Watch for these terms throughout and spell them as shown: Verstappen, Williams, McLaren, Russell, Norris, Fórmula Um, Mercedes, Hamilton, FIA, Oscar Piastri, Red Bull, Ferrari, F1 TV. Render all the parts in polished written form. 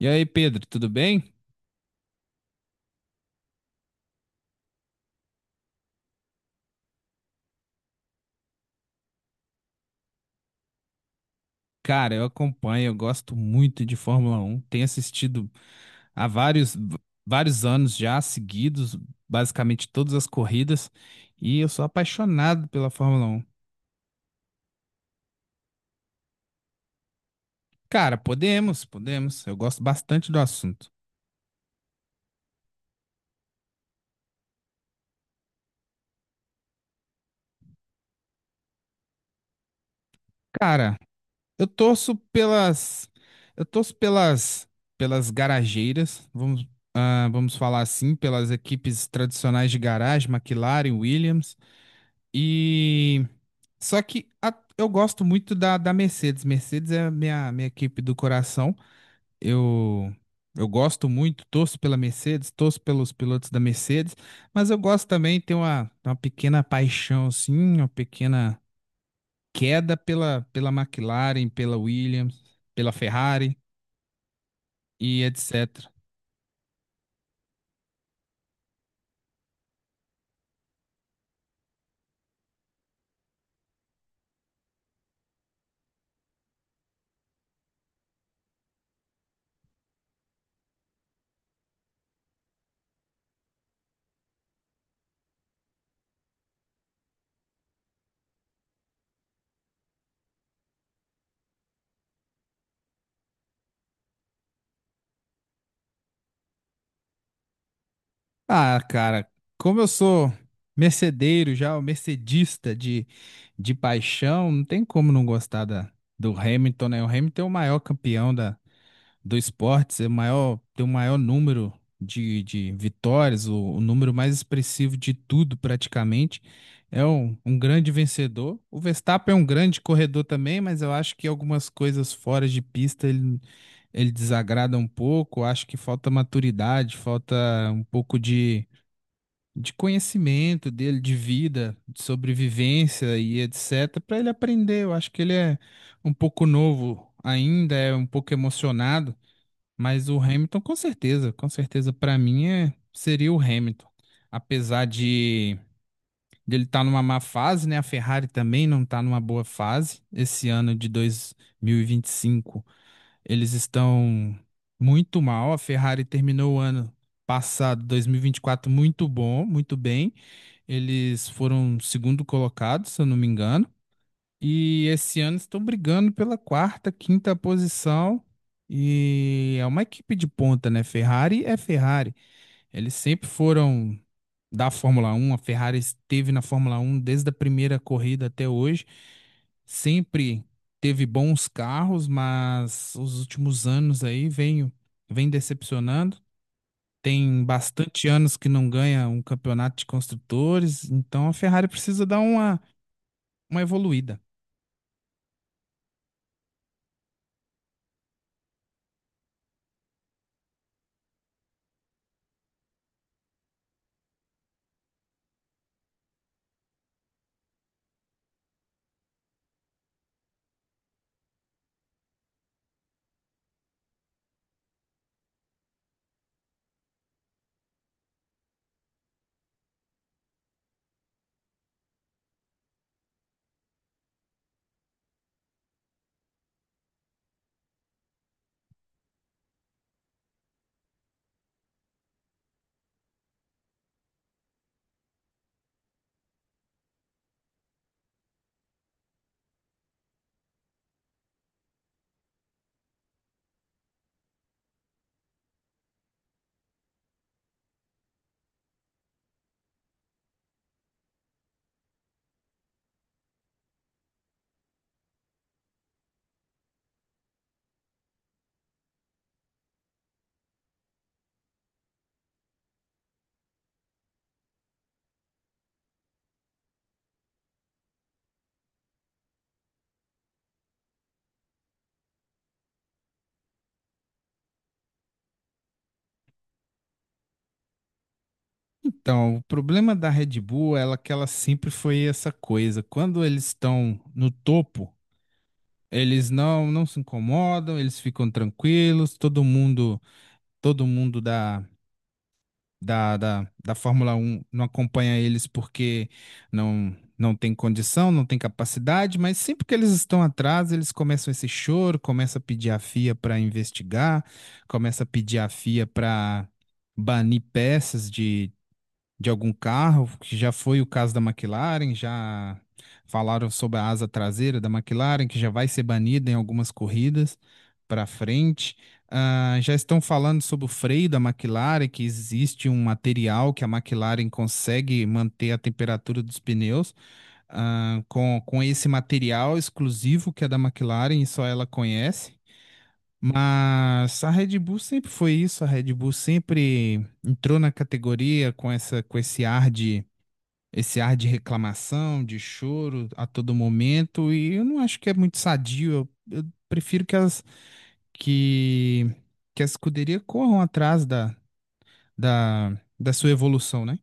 E aí, Pedro, tudo bem? Cara, eu gosto muito de Fórmula Um. Tenho assistido há vários anos já seguidos, basicamente todas as corridas, e eu sou apaixonado pela Fórmula Um. Cara, podemos. Eu gosto bastante do assunto. Cara, eu torço pelas, eu torço pelas, pelas garageiras, vamos falar assim, pelas equipes tradicionais de garagem, McLaren, Williams. E eu gosto muito da Mercedes. Mercedes é a minha equipe do coração. Eu, eu gosto muito, torço pela Mercedes, torço pelos pilotos da Mercedes, mas eu gosto também, tenho uma pequena paixão, assim, uma pequena queda pela McLaren, pela Williams, pela Ferrari e etc. Ah, cara, como eu sou mercedeiro já, o mercedista de paixão, não tem como não gostar do Hamilton, né? O Hamilton é o maior campeão do esporte, é o maior, tem o maior número de vitórias, o número mais expressivo de tudo, praticamente. É um grande vencedor. O Verstappen é um grande corredor também, mas eu acho que algumas coisas fora de pista ele desagrada um pouco. Acho que falta maturidade, falta um pouco de conhecimento dele, de vida, de sobrevivência e etc, para ele aprender. Eu acho que ele é um pouco novo ainda, é um pouco emocionado, mas o Hamilton com certeza para mim seria o Hamilton. Apesar de dele estar numa má fase, né? A Ferrari também não está numa boa fase. Esse ano de 2025, eles estão muito mal. A Ferrari terminou o ano passado, 2024, muito bom, muito bem eles foram segundo colocado, se eu não me engano. E esse ano estão brigando pela quarta, quinta posição. E é uma equipe de ponta, né? Ferrari é Ferrari. Eles sempre foram da Fórmula Um. A Ferrari esteve na Fórmula Um desde a primeira corrida até hoje. Sempre teve bons carros, mas os últimos anos aí vem decepcionando. Tem bastante anos que não ganha um campeonato de construtores, então a Ferrari precisa dar uma evoluída. Então, o problema da Red Bull é que ela sempre foi essa coisa. Quando eles estão no topo, eles não se incomodam, eles ficam tranquilos, todo mundo dá da Fórmula Um não acompanha eles porque não tem condição, não tem capacidade, mas sempre que eles estão atrás, eles começam esse choro, começa a pedir a FIA para investigar, começa a pedir a FIA para banir peças de algum carro, que já foi o caso da McLaren, já falaram sobre a asa traseira da McLaren, que já vai ser banida em algumas corridas para frente. Ah, já estão falando sobre o freio da McLaren, que existe um material que a McLaren consegue manter a temperatura dos pneus, ah, com esse material exclusivo que é da McLaren e só ela conhece. Mas a Red Bull sempre foi isso, a Red Bull sempre entrou na categoria com com esse ar esse ar de reclamação, de choro a todo momento, e eu não acho que é muito sadio. Eu prefiro que que, que a escuderia corram atrás da, da sua evolução, né?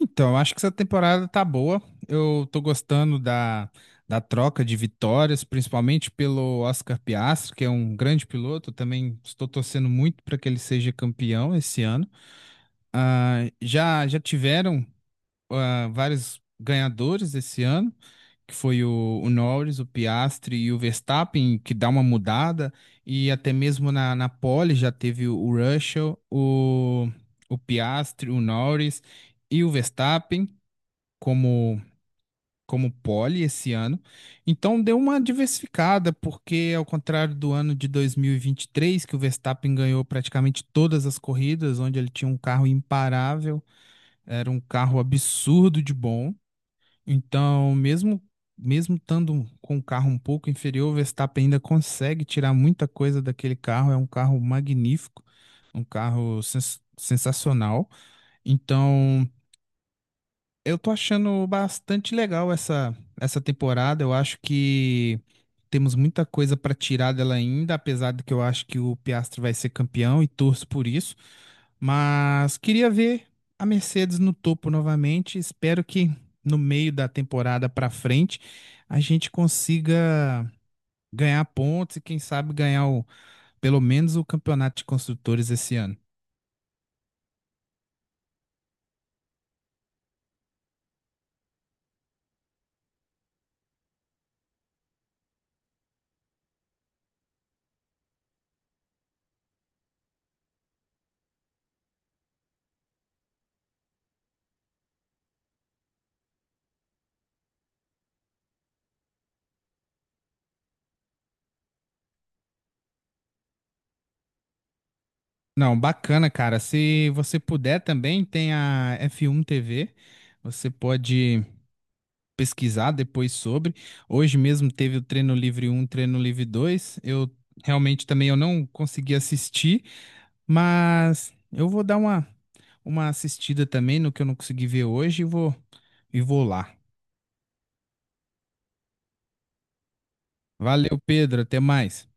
Então, eu acho que essa temporada tá boa. Eu tô gostando da troca de vitórias, principalmente pelo Oscar Piastri, que é um grande piloto. Eu também estou torcendo muito para que ele seja campeão esse ano. Ah, já tiveram, ah, vários ganhadores esse ano, que foi o Norris, o Piastri e o Verstappen, que dá uma mudada. E até mesmo na pole já teve o Russell, o Piastri, o Norris e o Verstappen como pole esse ano. Então deu uma diversificada, porque ao contrário do ano de dois mil e vinte e três que o Verstappen ganhou praticamente todas as corridas, onde ele tinha um carro imparável, era um carro absurdo de bom. Então, mesmo estando com um carro um pouco inferior, o Verstappen ainda consegue tirar muita coisa daquele carro, é um carro magnífico, um carro sensacional. Então, eu tô achando bastante legal essa temporada. Eu acho que temos muita coisa para tirar dela ainda, apesar de que eu acho que o Piastri vai ser campeão e torço por isso. Mas queria ver a Mercedes no topo novamente. Espero que no meio da temporada para frente a gente consiga ganhar pontos e quem sabe ganhar pelo menos o campeonato de construtores esse ano. Não, bacana, cara. Se você puder também, tem a F1 TV. Você pode pesquisar depois sobre. Hoje mesmo teve o treino livre um, treino livre 2. Eu realmente também eu não consegui assistir, mas eu vou dar uma assistida também no que eu não consegui ver hoje e vou lá. Valeu, Pedro. Até mais.